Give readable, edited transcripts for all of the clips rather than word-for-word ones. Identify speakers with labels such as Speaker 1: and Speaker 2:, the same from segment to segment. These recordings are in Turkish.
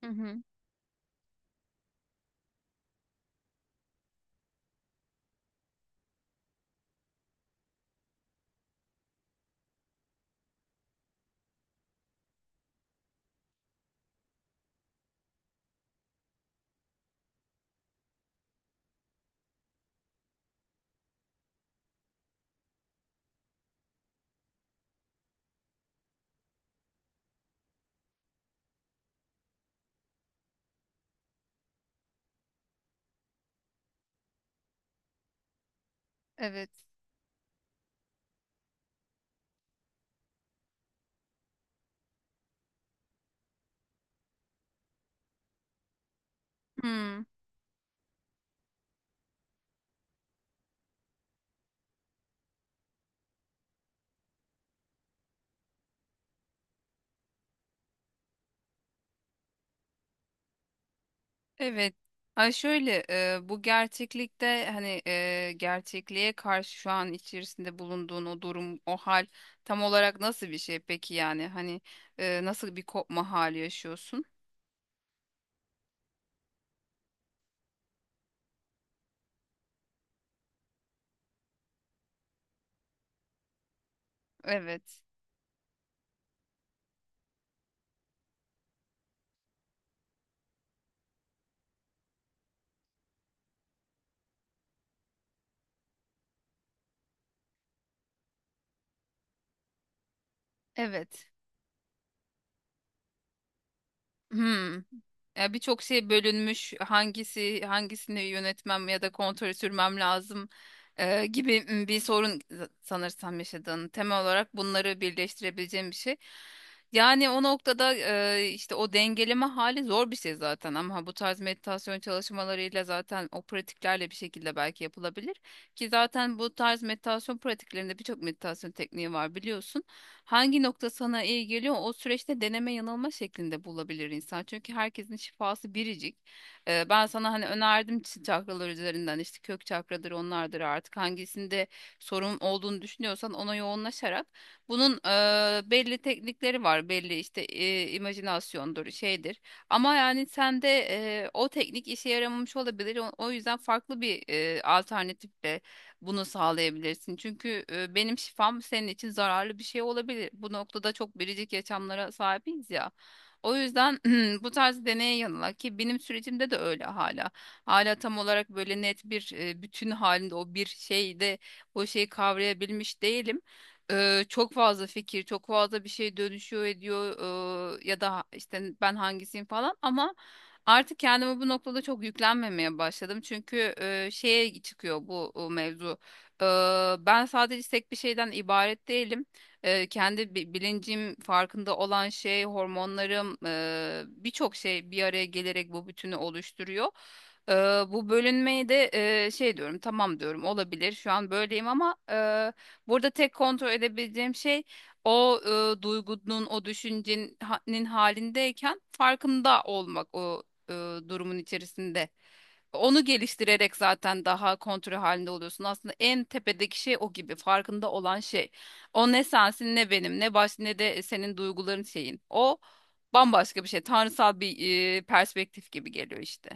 Speaker 1: Hı hı. Evet. Hmm, evet. Ay şöyle bu gerçeklikte hani gerçekliğe karşı şu an içerisinde bulunduğun o durum, o hal tam olarak nasıl bir şey peki yani? Hani nasıl bir kopma hali yaşıyorsun? Evet. Evet. Hmm. Ya birçok şey bölünmüş. Hangisi hangisini yönetmem ya da kontrol sürmem lazım gibi bir sorun sanırsam yaşadığın. Temel olarak bunları birleştirebileceğim bir şey. Yani o noktada işte o dengeleme hali zor bir şey zaten ama bu tarz meditasyon çalışmalarıyla zaten o pratiklerle bir şekilde belki yapılabilir. Ki zaten bu tarz meditasyon pratiklerinde birçok meditasyon tekniği var biliyorsun. Hangi nokta sana iyi geliyor o süreçte deneme yanılma şeklinde bulabilir insan. Çünkü herkesin şifası biricik. Ben sana hani önerdim çakralar üzerinden işte kök çakradır onlardır artık hangisinde sorun olduğunu düşünüyorsan ona yoğunlaşarak bunun belli teknikleri var. Belli işte imajinasyondur şeydir. Ama yani sende o teknik işe yaramamış olabilir. O yüzden farklı bir alternatifle bunu sağlayabilirsin. Çünkü benim şifam senin için zararlı bir şey olabilir. Bu noktada çok biricik yaşamlara sahibiz ya. O yüzden bu tarz deneye yanıla ki benim sürecimde de öyle hala. Hala tam olarak böyle net bir bütün halinde o bir şeyde o şeyi kavrayabilmiş değilim. Çok fazla fikir, çok fazla bir şey dönüşüyor ediyor, ya da işte ben hangisiyim falan ama artık kendime bu noktada çok yüklenmemeye başladım. Çünkü şeye çıkıyor bu mevzu. E, Ben sadece tek bir şeyden ibaret değilim. Kendi bilincim, farkında olan şey, hormonlarım, birçok şey bir araya gelerek bu bütünü oluşturuyor. E, Bu bölünmeyi de şey diyorum, tamam diyorum, olabilir. Şu an böyleyim ama, burada tek kontrol edebileceğim şey o, duygunun, o düşüncenin halindeyken farkında olmak. O e, durumun içerisinde. Onu geliştirerek zaten daha kontrol halinde oluyorsun. Aslında en tepedeki şey o gibi farkında olan şey. O ne sensin ne benim ne baş ne de senin duyguların şeyin. O bambaşka bir şey. Tanrısal bir perspektif gibi geliyor işte.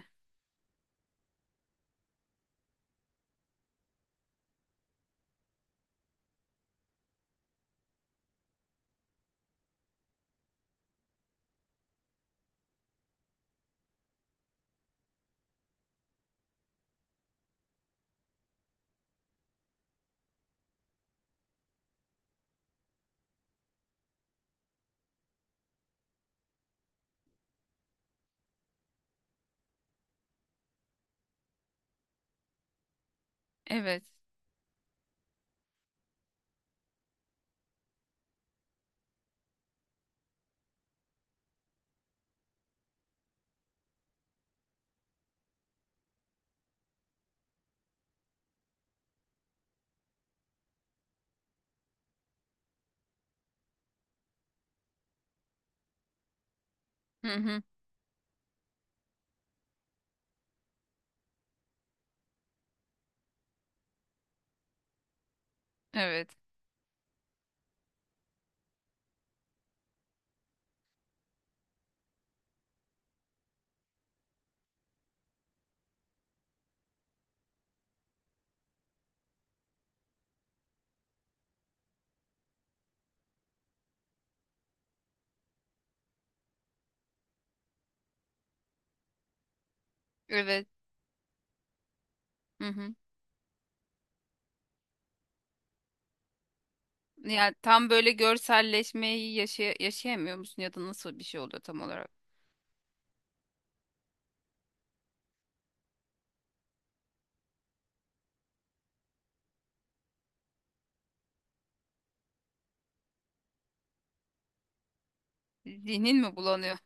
Speaker 1: Evet. Hı hı. Evet. Evet. Hı hı. Yani tam böyle görselleşmeyi yaşayamıyor musun ya da nasıl bir şey oluyor tam olarak? Zihnin mi bulanıyor?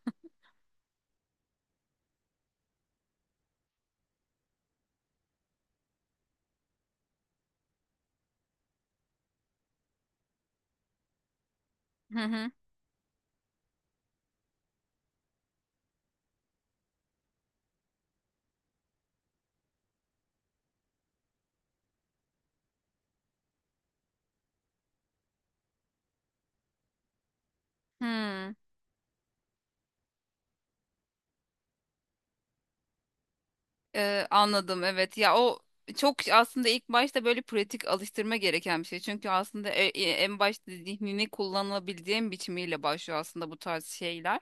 Speaker 1: Hı hı. Hı. Anladım, evet, ya o çok aslında ilk başta böyle pratik alıştırma gereken bir şey. Çünkü aslında en başta zihnini kullanabileceğin biçimiyle başlıyor aslında bu tarz şeyler.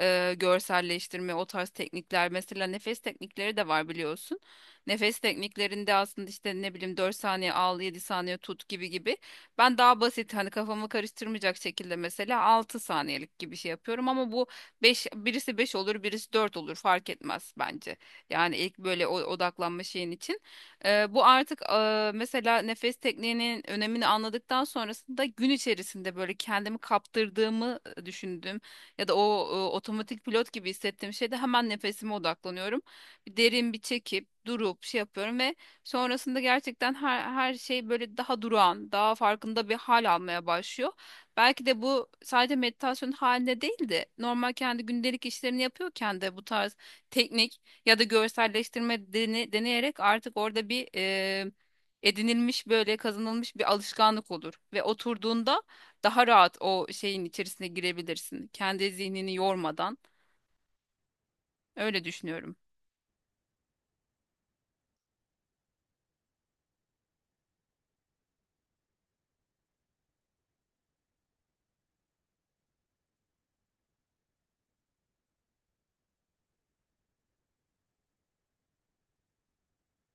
Speaker 1: Görselleştirme o tarz teknikler mesela nefes teknikleri de var biliyorsun. Nefes tekniklerinde aslında işte ne bileyim 4 saniye al 7 saniye tut gibi gibi. Ben daha basit hani kafamı karıştırmayacak şekilde mesela 6 saniyelik gibi şey yapıyorum ama bu 5 birisi 5 olur birisi 4 olur fark etmez bence. Yani ilk böyle odaklanma şeyin için. Bu artık, mesela nefes tekniğinin önemini anladıktan sonrasında gün içerisinde böyle kendimi kaptırdığımı düşündüm. Ya da o otomatik pilot gibi hissettiğim şeyde hemen nefesime odaklanıyorum. Bir derin bir çekip durup şey yapıyorum ve sonrasında gerçekten her şey böyle daha durağan, daha farkında bir hal almaya başlıyor. Belki de bu sadece meditasyon halinde değil de normal kendi gündelik işlerini yapıyorken de bu tarz teknik ya da görselleştirme deneyerek artık orada bir edinilmiş böyle kazanılmış bir alışkanlık olur ve oturduğunda daha rahat o şeyin içerisine girebilirsin. Kendi zihnini yormadan öyle düşünüyorum.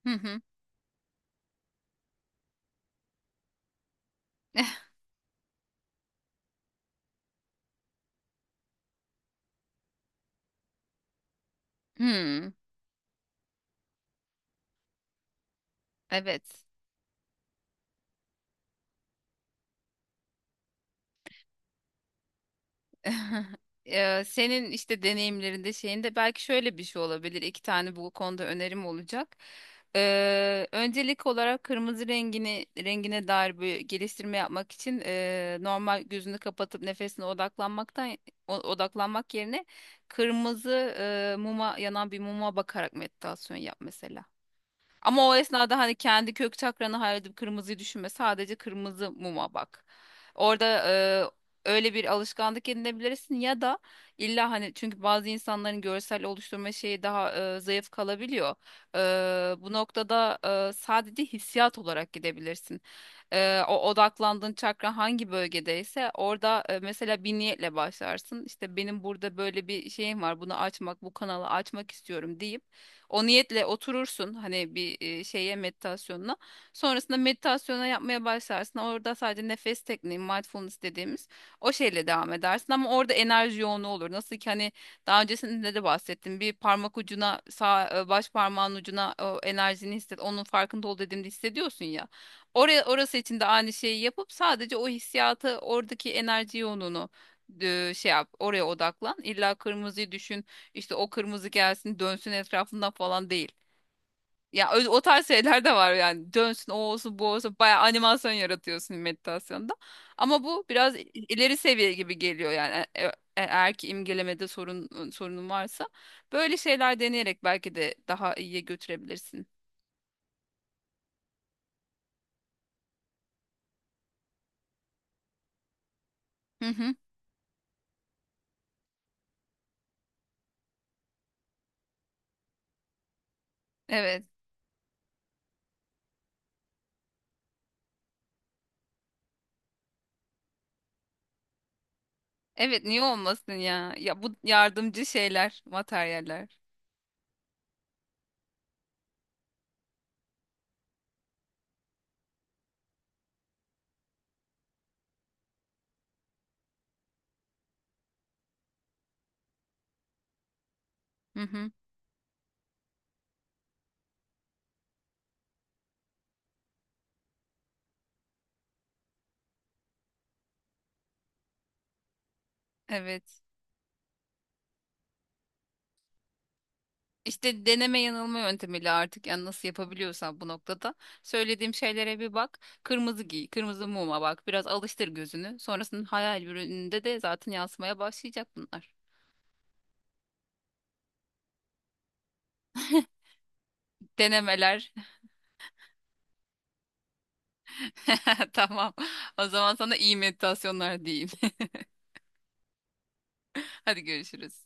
Speaker 1: Hı hı. Hmm, evet. Senin işte deneyimlerinde şeyinde belki şöyle bir şey olabilir. İki tane bu konuda önerim olacak. Öncelik olarak kırmızı rengini rengine dair bir geliştirme yapmak için, normal gözünü kapatıp nefesine odaklanmaktan odaklanmak yerine kırmızı, yanan bir muma bakarak meditasyon yap mesela. Ama o esnada hani kendi kök çakranı hayal edip kırmızıyı düşünme. Sadece kırmızı muma bak. Orada öyle bir alışkanlık edinebilirsin ya da illa hani çünkü bazı insanların görsel oluşturma şeyi daha zayıf kalabiliyor. Bu noktada sadece hissiyat olarak gidebilirsin. O odaklandığın çakra hangi bölgedeyse orada mesela bir niyetle başlarsın. İşte benim burada böyle bir şeyim var. Bunu açmak, bu kanalı açmak istiyorum deyip o niyetle oturursun hani bir şeye meditasyonuna. Sonrasında meditasyona yapmaya başlarsın. Orada sadece nefes tekniği, mindfulness dediğimiz o şeyle devam edersin ama orada enerji yoğunluğu olur. Nasıl ki hani daha öncesinde de bahsettim. Bir parmak ucuna, sağ baş parmağın ucuna o enerjini hisset. Onun farkında ol dediğimde hissediyorsun ya. Oraya orası için de aynı şeyi yapıp sadece o hissiyatı, oradaki enerji yoğunluğunu şey yap, oraya odaklan. İlla kırmızıyı düşün işte o kırmızı gelsin dönsün etrafından falan değil. O tarz şeyler de var yani dönsün o olsun bu olsun baya animasyon yaratıyorsun meditasyonda. Ama bu biraz ileri seviye gibi geliyor yani eğer ki imgelemede sorunun varsa böyle şeyler deneyerek belki de daha iyiye götürebilirsin. Hı hı. Evet. Evet, niye olmasın ya? Ya bu yardımcı şeyler, materyaller. Hı hı. Evet. İşte deneme yanılma yöntemiyle artık yani nasıl yapabiliyorsan bu noktada söylediğim şeylere bir bak. Kırmızı giy, kırmızı muma bak. Biraz alıştır gözünü. Sonrasında hayal ürününde de zaten yansımaya başlayacak bunlar. Denemeler. Tamam. O zaman sana iyi meditasyonlar diyeyim. Hadi görüşürüz.